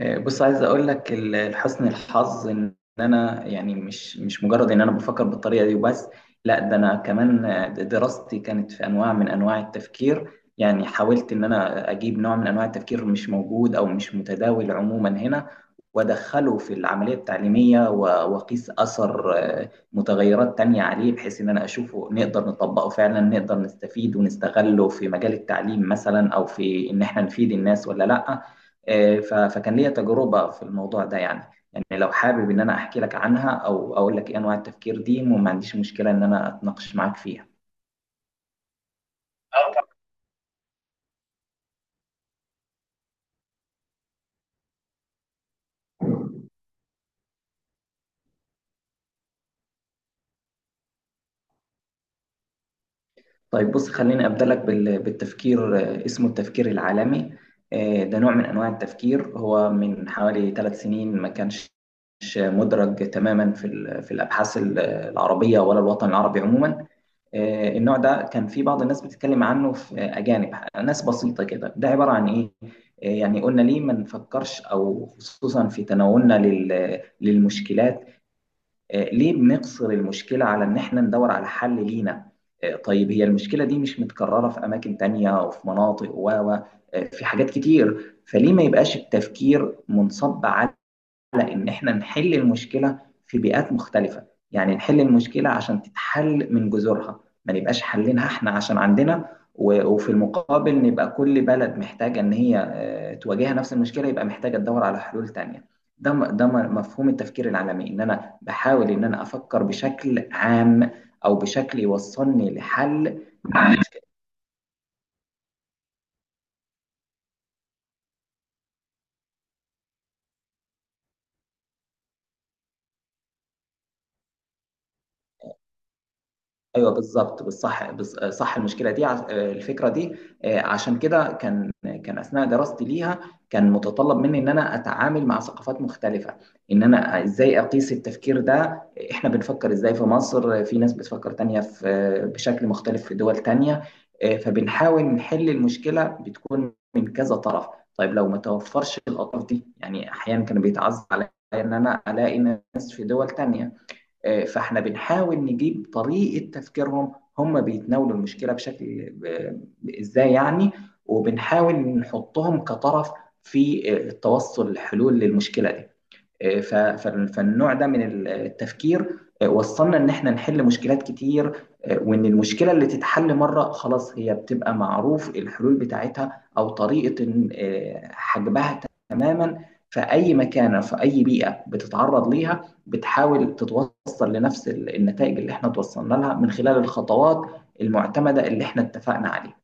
بص عايز اقول لك لحسن الحظ ان انا يعني مش مجرد ان انا بفكر بالطريقه دي وبس. لا ده انا كمان دراستي كانت في انواع من انواع التفكير. يعني حاولت ان انا اجيب نوع من انواع التفكير مش موجود او مش متداول عموما هنا وادخله في العمليه التعليميه واقيس اثر متغيرات تانية عليه بحيث ان انا اشوفه نقدر نطبقه فعلا، نقدر نستفيد ونستغله في مجال التعليم مثلا او في ان احنا نفيد الناس ولا لا. فكان ليا تجربة في الموضوع ده يعني. يعني لو حابب إن أنا أحكي لك عنها أو أقول لك إيه أنواع التفكير دي، وما عنديش مشكلة إن أنا أتناقش معاك فيها. طيب بص خليني أبدأ لك بالتفكير، اسمه التفكير العالمي. ده نوع من أنواع التفكير، هو من حوالي 3 سنين ما كانش مدرج تماما في الأبحاث العربية ولا الوطن العربي عموما. النوع ده كان في بعض الناس بتتكلم عنه في أجانب، ناس بسيطة كده. ده عبارة عن إيه؟ يعني قلنا ليه ما نفكرش أو خصوصا في تناولنا للمشكلات. ليه بنقصر المشكلة على إن إحنا ندور على حل لينا؟ طيب هي المشكلة دي مش متكررة في أماكن تانية وفي مناطق في حاجات كتير، فليه ما يبقاش التفكير منصب على على إن إحنا نحل المشكلة في بيئات مختلفة؟ يعني نحل المشكلة عشان تتحل من جذورها، ما نبقاش حلينها إحنا عشان عندنا وفي المقابل نبقى كل بلد محتاجة إن هي تواجهها نفس المشكلة، يبقى محتاجة تدور على حلول تانية. مفهوم التفكير العالمي إن أنا بحاول إن أنا أفكر بشكل عام أو بشكل يوصلني لحل. ايوه بالظبط بالصح، صح المشكله دي، الفكره دي. عشان كده كان اثناء دراستي ليها كان متطلب مني ان انا اتعامل مع ثقافات مختلفه، ان انا ازاي اقيس التفكير ده. احنا بنفكر ازاي في مصر، في ناس بتفكر تانية في بشكل مختلف في دول تانية. فبنحاول نحل المشكله، بتكون من كذا طرف. طيب لو ما توفرش الاطراف دي، يعني احيانا كان بيتعز عليا ان انا الاقي ناس في دول تانية. فاحنا بنحاول نجيب طريقه تفكيرهم، هم بيتناولوا المشكله بشكل ازاي يعني. وبنحاول نحطهم كطرف في التوصل لحلول للمشكله دي. ف- ف- فالنوع ده من التفكير، وصلنا ان احنا نحل مشكلات كتير، وان المشكله اللي تتحل مره خلاص هي بتبقى معروف الحلول بتاعتها او طريقه حجبها تماما. فاي مكانه في اي بيئه بتتعرض ليها، بتحاول تتوصل لنفس النتائج اللي احنا توصلنا لها من خلال الخطوات المعتمده اللي احنا اتفقنا عليها.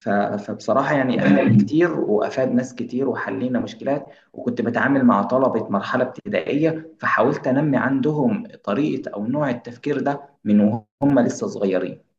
ف فبصراحة يعني أفاد كتير وأفاد ناس كتير وحلينا مشكلات. وكنت باتعامل مع طلبة مرحلة ابتدائية فحاولت أنمي عندهم طريقة أو نوع التفكير ده من وهم لسه صغيرين.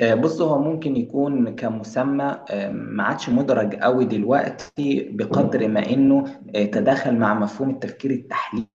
بص هو ممكن يكون كمسمى، ما عادش مدرج قوي دلوقتي بقدر ما إنه تداخل مع مفهوم التفكير التحليلي.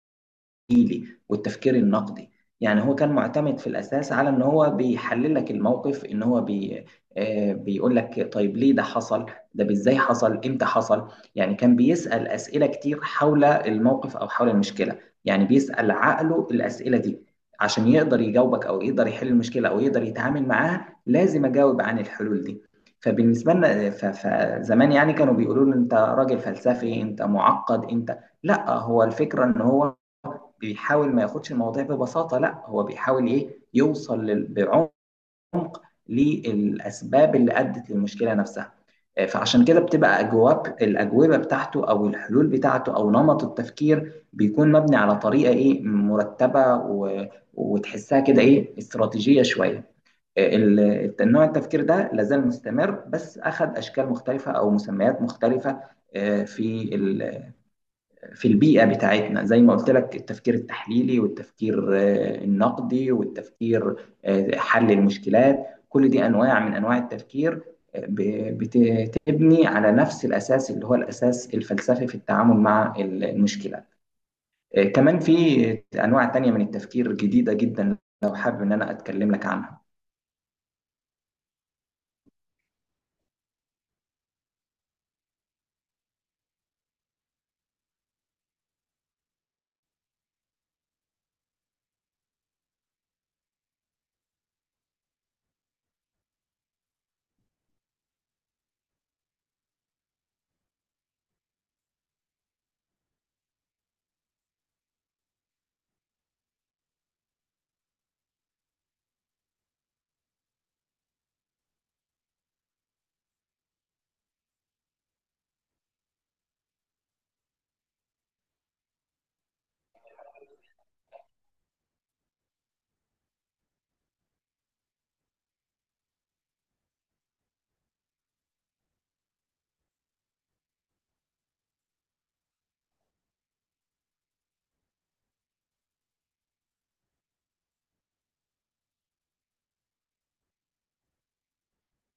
والتفكير النقدي. يعني هو كان معتمد في الأساس على إن هو بيحلل لك الموقف، إن هو بي آه، بيقول لك طيب ليه ده حصل، ده إزاي حصل، إمتى حصل. يعني كان بيسأل أسئلة كتير حول الموقف أو حول المشكلة. يعني بيسأل عقله الأسئلة دي عشان يقدر يجاوبك أو يقدر يحل المشكلة أو يقدر يتعامل معاها، لازم أجاوب عن الحلول دي. فبالنسبة لنا فزمان يعني كانوا بيقولوا له أنت راجل فلسفي، أنت معقد، أنت لا. هو الفكرة إن هو بيحاول ما ياخدش المواضيع ببساطة، لا هو بيحاول ايه يوصل بعمق للأسباب اللي أدت للمشكلة نفسها. فعشان كده بتبقى الأجوبة بتاعته أو الحلول بتاعته أو نمط التفكير بيكون مبني على طريقة ايه مرتبة وتحسها كده ايه استراتيجية شوية. النوع التفكير ده لازال مستمر بس أخذ أشكال مختلفة أو مسميات مختلفة. آه، في ال- في البيئة بتاعتنا زي ما قلت لك، التفكير التحليلي والتفكير النقدي والتفكير حل المشكلات، كل دي أنواع من أنواع التفكير. بتبني على نفس الأساس اللي هو الأساس الفلسفي في التعامل مع المشكلة. كمان في أنواع تانية من التفكير جديدة جدا لو حابب إن أنا أتكلم لك عنها.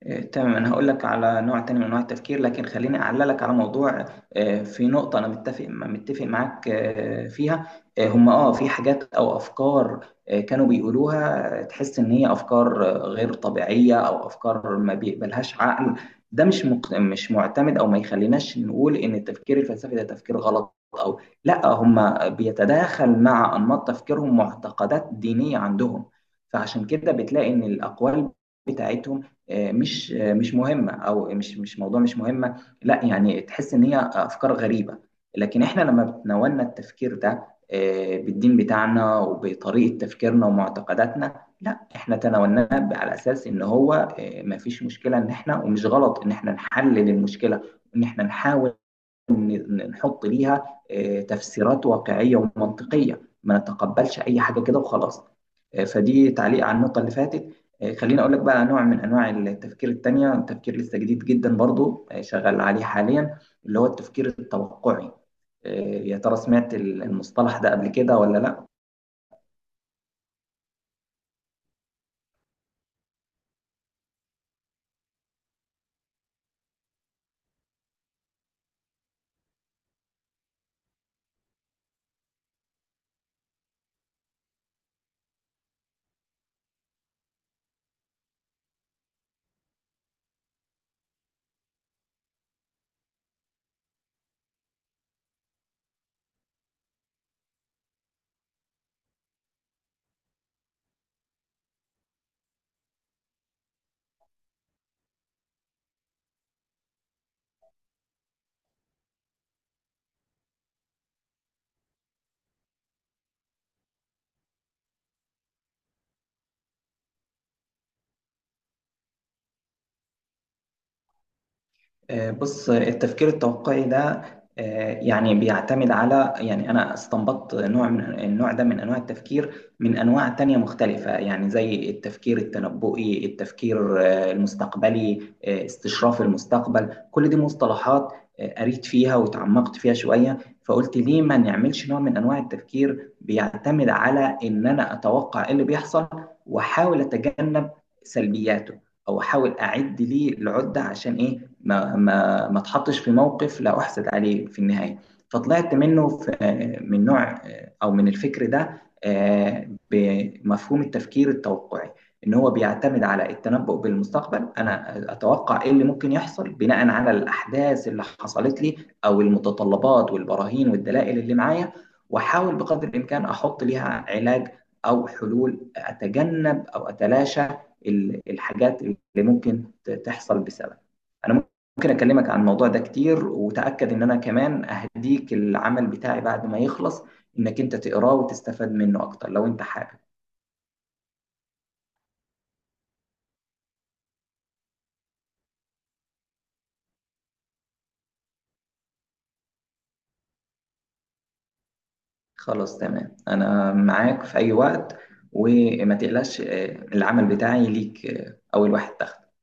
تمام انا هقول لك على نوع تاني من انواع التفكير لكن خليني اعلق لك على موضوع. في نقطه انا متفق معاك فيها. هم في حاجات او افكار كانوا بيقولوها، تحس ان هي افكار غير طبيعيه او افكار ما بيقبلهاش عقل. ده مش معتمد، او ما يخليناش نقول ان التفكير الفلسفي ده تفكير غلط او لا. هم بيتداخل مع انماط تفكيرهم معتقدات دينيه عندهم، فعشان كده بتلاقي ان الاقوال بتاعتهم مش مهمه، او مش مهمه. لا يعني تحس ان هي افكار غريبه. لكن احنا لما بتناولنا التفكير ده بالدين بتاعنا وبطريقه تفكيرنا ومعتقداتنا، لا احنا تناولناه على اساس ان هو ما فيش مشكله ان احنا، ومش غلط ان احنا نحلل المشكله وان احنا نحاول نحط ليها تفسيرات واقعيه ومنطقيه، ما نتقبلش اي حاجه كده وخلاص. فدي تعليق على النقطة اللي فاتت. خليني أقول لك بقى نوع من أنواع التفكير التانية، تفكير لسه جديد جدا برضو، شغال عليه حاليا، اللي هو التفكير التوقعي. آه، يا ترى سمعت المصطلح ده قبل كده ولا لا؟ بص التفكير التوقعي ده يعني بيعتمد على، يعني أنا استنبطت نوع من النوع ده من أنواع التفكير من أنواع تانية مختلفة، يعني زي التفكير التنبؤي، التفكير المستقبلي، استشراف المستقبل، كل دي مصطلحات قريت فيها وتعمقت فيها شوية. فقلت ليه ما نعملش نوع من أنواع التفكير بيعتمد على إن أنا أتوقع إيه اللي بيحصل وأحاول أتجنب سلبياته، او احاول اعد ليه العده عشان ايه ما اتحطش في موقف لا احسد عليه في النهايه. فطلعت منه في من نوع او من الفكر ده بمفهوم التفكير التوقعي، ان هو بيعتمد على التنبؤ بالمستقبل. انا اتوقع ايه اللي ممكن يحصل بناء على الاحداث اللي حصلت لي او المتطلبات والبراهين والدلائل اللي معايا، واحاول بقدر الامكان احط ليها علاج او حلول اتجنب او اتلاشى الحاجات اللي ممكن تحصل بسبب انا. ممكن اكلمك عن الموضوع ده كتير، وتاكد ان انا كمان اهديك العمل بتاعي بعد ما يخلص، انك انت تقراه وتستفاد منه اكتر لو انت حابب. خلاص تمام انا معاك في اي وقت وما تقلقش، العمل بتاعي ليك اول واحد دخل.